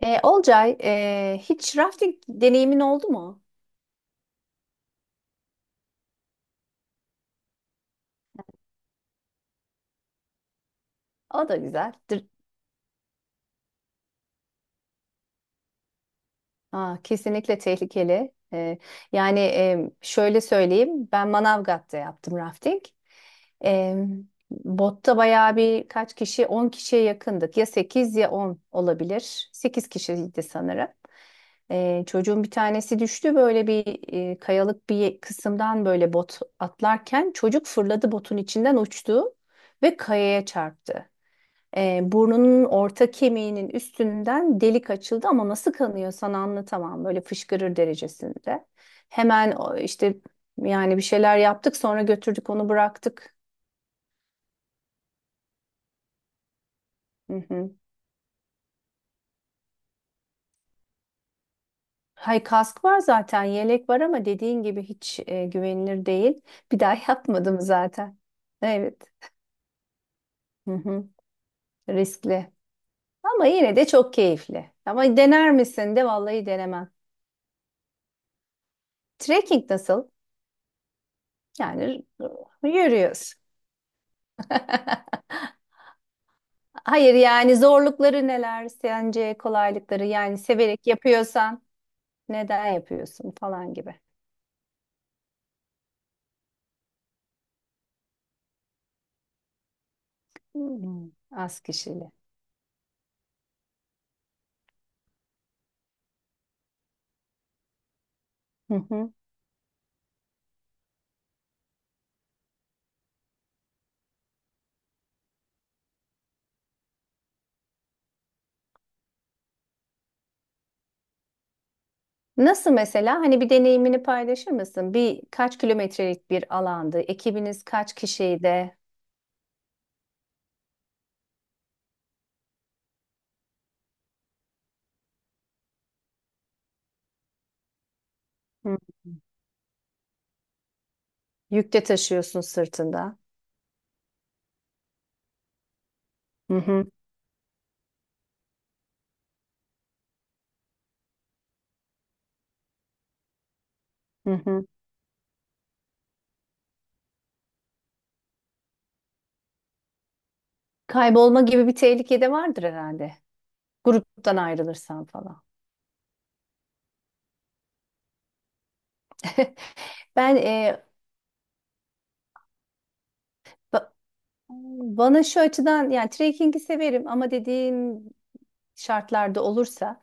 Olcay, hiç rafting deneyimin oldu mu? O da güzeldir. Aa, kesinlikle tehlikeli. Şöyle söyleyeyim, ben Manavgat'ta yaptım rafting. E, Botta bayağı bir kaç kişi, 10 kişiye yakındık. Ya 8 ya 10 olabilir. 8 kişiydi sanırım. Çocuğun bir tanesi düştü böyle bir kayalık bir kısımdan böyle bot atlarken çocuk fırladı botun içinden uçtu ve kayaya çarptı. Burnunun orta kemiğinin üstünden delik açıldı ama nasıl kanıyor sana anlatamam. Böyle fışkırır derecesinde. Hemen işte yani bir şeyler yaptık sonra götürdük onu bıraktık. Hı hı. Hay kask var zaten yelek var ama dediğin gibi hiç güvenilir değil. Bir daha yapmadım zaten. Evet. Hı hı. Riskli. Ama yine de çok keyifli. Ama dener misin de vallahi denemem. Trekking nasıl? Yani yürüyoruz. Hayır yani zorlukları neler sence kolaylıkları yani severek yapıyorsan neden yapıyorsun falan gibi. Hmm, az kişili. Hı hı. Nasıl mesela hani bir deneyimini paylaşır mısın? Bir kaç kilometrelik bir alandı. Ekibiniz kaç kişiydi de hı, yükte taşıyorsun sırtında. Hı hı, hı hı. Kaybolma gibi bir tehlike de vardır herhalde. Gruptan ayrılırsan falan. Ben e, ba- Bana şu açıdan yani trekking'i severim ama dediğim şartlarda olursa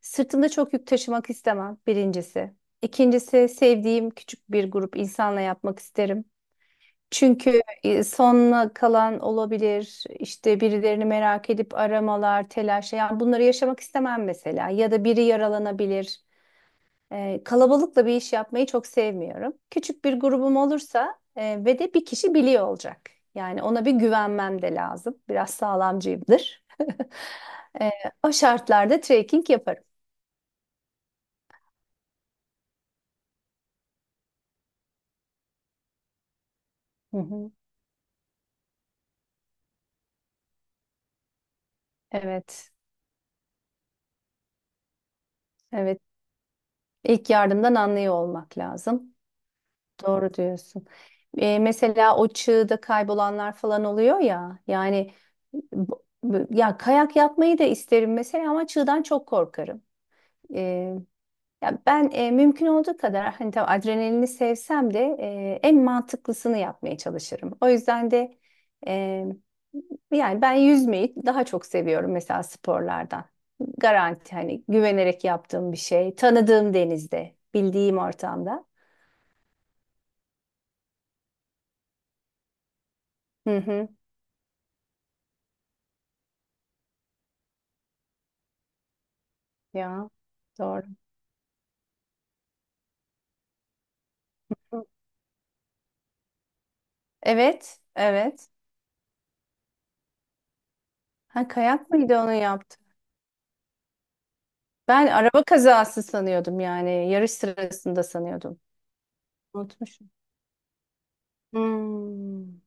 sırtımda çok yük taşımak istemem birincisi. İkincisi sevdiğim küçük bir grup insanla yapmak isterim. Çünkü sonuna kalan olabilir, işte birilerini merak edip aramalar, telaş, yani bunları yaşamak istemem mesela. Ya da biri yaralanabilir. Kalabalıkla bir iş yapmayı çok sevmiyorum. Küçük bir grubum olursa ve de bir kişi biliyor olacak. Yani ona bir güvenmem de lazım. Biraz sağlamcıyımdır. E, O şartlarda trekking yaparım. Hı hı. Evet, evet. İlk yardımdan anlıyor olmak lazım. Doğru diyorsun. Mesela o çığda kaybolanlar falan oluyor ya. Yani ya kayak yapmayı da isterim mesela ama çığdan çok korkarım. E, Ya ben mümkün olduğu kadar hani tabii adrenalini sevsem de en mantıklısını yapmaya çalışırım. O yüzden de e, yani ben yüzmeyi daha çok seviyorum mesela sporlardan. Garanti hani güvenerek yaptığım bir şey, tanıdığım denizde, bildiğim ortamda. Hı hı. Ya doğru. Evet, evet. Ha, kayak mıydı onu yaptı? Ben araba kazası sanıyordum yani yarış sırasında sanıyordum. Unutmuşum. Hmm.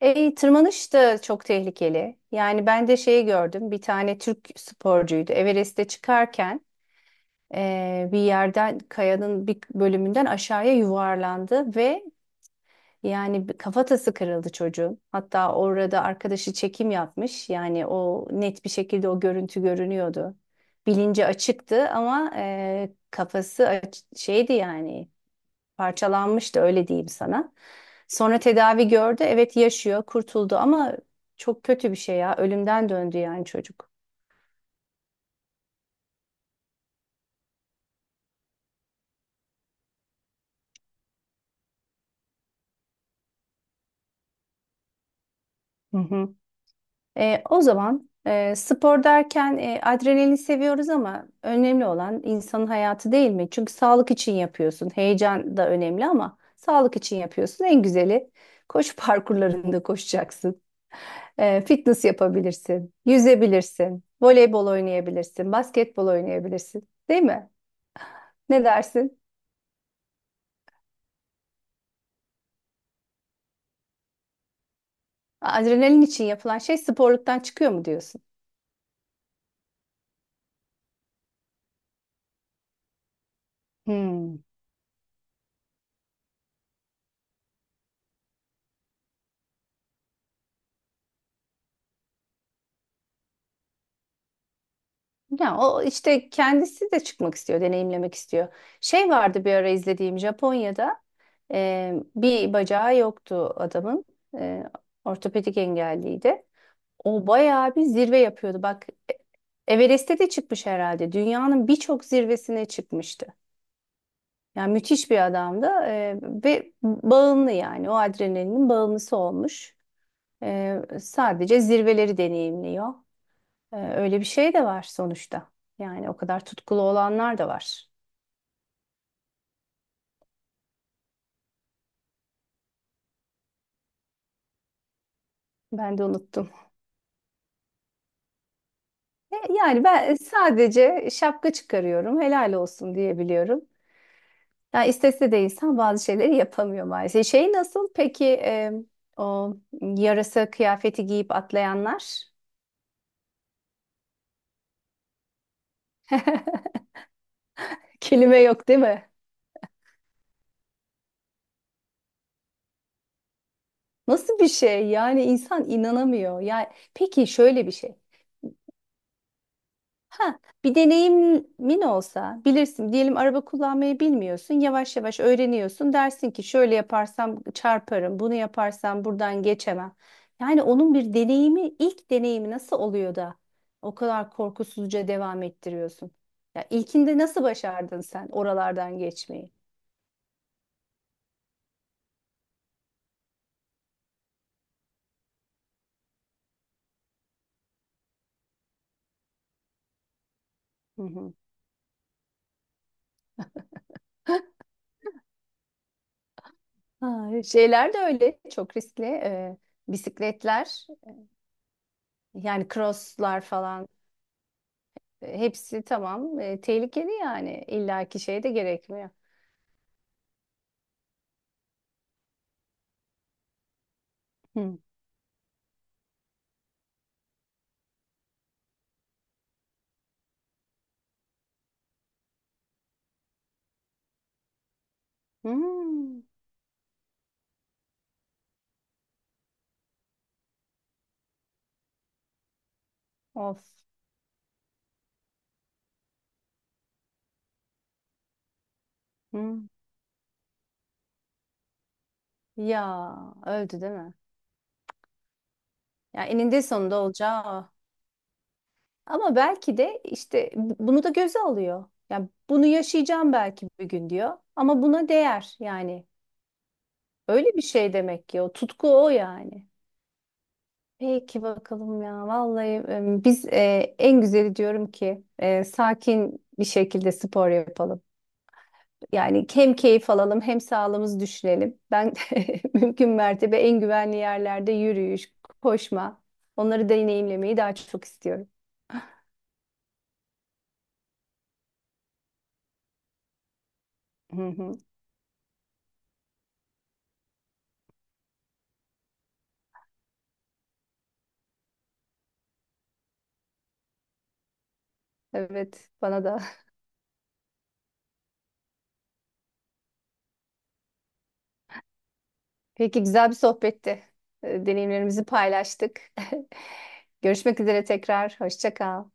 E, tırmanış da çok tehlikeli. Yani ben de şeyi gördüm. Bir tane Türk sporcuydu. Everest'te çıkarken bir yerden kayanın bir bölümünden aşağıya yuvarlandı ve yani bir kafatası kırıldı çocuğun. Hatta orada arkadaşı çekim yapmış. Yani o net bir şekilde o görüntü görünüyordu. Bilinci açıktı ama kafası şeydi yani parçalanmıştı öyle diyeyim sana. Sonra tedavi gördü. Evet yaşıyor, kurtuldu ama çok kötü bir şey ya. Ölümden döndü yani çocuk. Hı hı. O zaman spor derken adrenalin seviyoruz ama önemli olan insanın hayatı değil mi? Çünkü sağlık için yapıyorsun. Heyecan da önemli ama sağlık için yapıyorsun. En güzeli koşu parkurlarında koşacaksın. Fitness yapabilirsin, yüzebilirsin, voleybol oynayabilirsin, basketbol oynayabilirsin. Değil mi? Ne dersin? Adrenalin için yapılan şey sporluktan çıkıyor mu diyorsun? Hmm. Ya o işte kendisi de çıkmak istiyor, deneyimlemek istiyor. Şey vardı bir ara izlediğim Japonya'da bir bacağı yoktu adamın. E, Ortopedik engelliydi. O bayağı bir zirve yapıyordu. Bak, Everest'e de çıkmış herhalde. Dünyanın birçok zirvesine çıkmıştı. Yani müthiş bir adamdı ve bağımlı yani o adrenalinin bağımlısı olmuş. Sadece zirveleri deneyimliyor. Öyle bir şey de var sonuçta. Yani o kadar tutkulu olanlar da var. Ben de unuttum. Yani ben sadece şapka çıkarıyorum, helal olsun diyebiliyorum. Yani istese de insan bazı şeyleri yapamıyor maalesef. Şey nasıl? Peki o yarasa kıyafeti giyip atlayanlar? Kelime yok değil mi? Nasıl bir şey? Yani insan inanamıyor. Yani peki şöyle bir şey. Ha, bir deneyimin olsa bilirsin diyelim araba kullanmayı bilmiyorsun yavaş yavaş öğreniyorsun dersin ki şöyle yaparsam çarparım bunu yaparsam buradan geçemem. Yani onun bir deneyimi ilk deneyimi nasıl oluyor da o kadar korkusuzca devam ettiriyorsun. Ya ilkinde nasıl başardın sen oralardan geçmeyi? Hı hı. Ha, şeyler de öyle çok riskli bisikletler yani crosslar falan. Hepsi tamam. Tehlikeli yani. İllaki şey de gerekmiyor. Hı. Hmm. Of. Hı. Ya öldü değil mi? Ya eninde sonunda olacağı o. Ama belki de işte bunu da göze alıyor. Yani bunu yaşayacağım belki bir gün diyor. Ama buna değer yani. Öyle bir şey demek ki o tutku o yani. Peki bakalım ya. Vallahi biz en güzeli diyorum ki sakin bir şekilde spor yapalım. Yani hem keyif alalım hem sağlığımızı düşünelim. Ben mümkün mertebe en güvenli yerlerde yürüyüş, koşma, onları deneyimlemeyi daha çok istiyorum. Hı hı. Evet, bana da. Peki güzel bir sohbetti. Deneyimlerimizi paylaştık. Görüşmek üzere tekrar. Hoşça kal.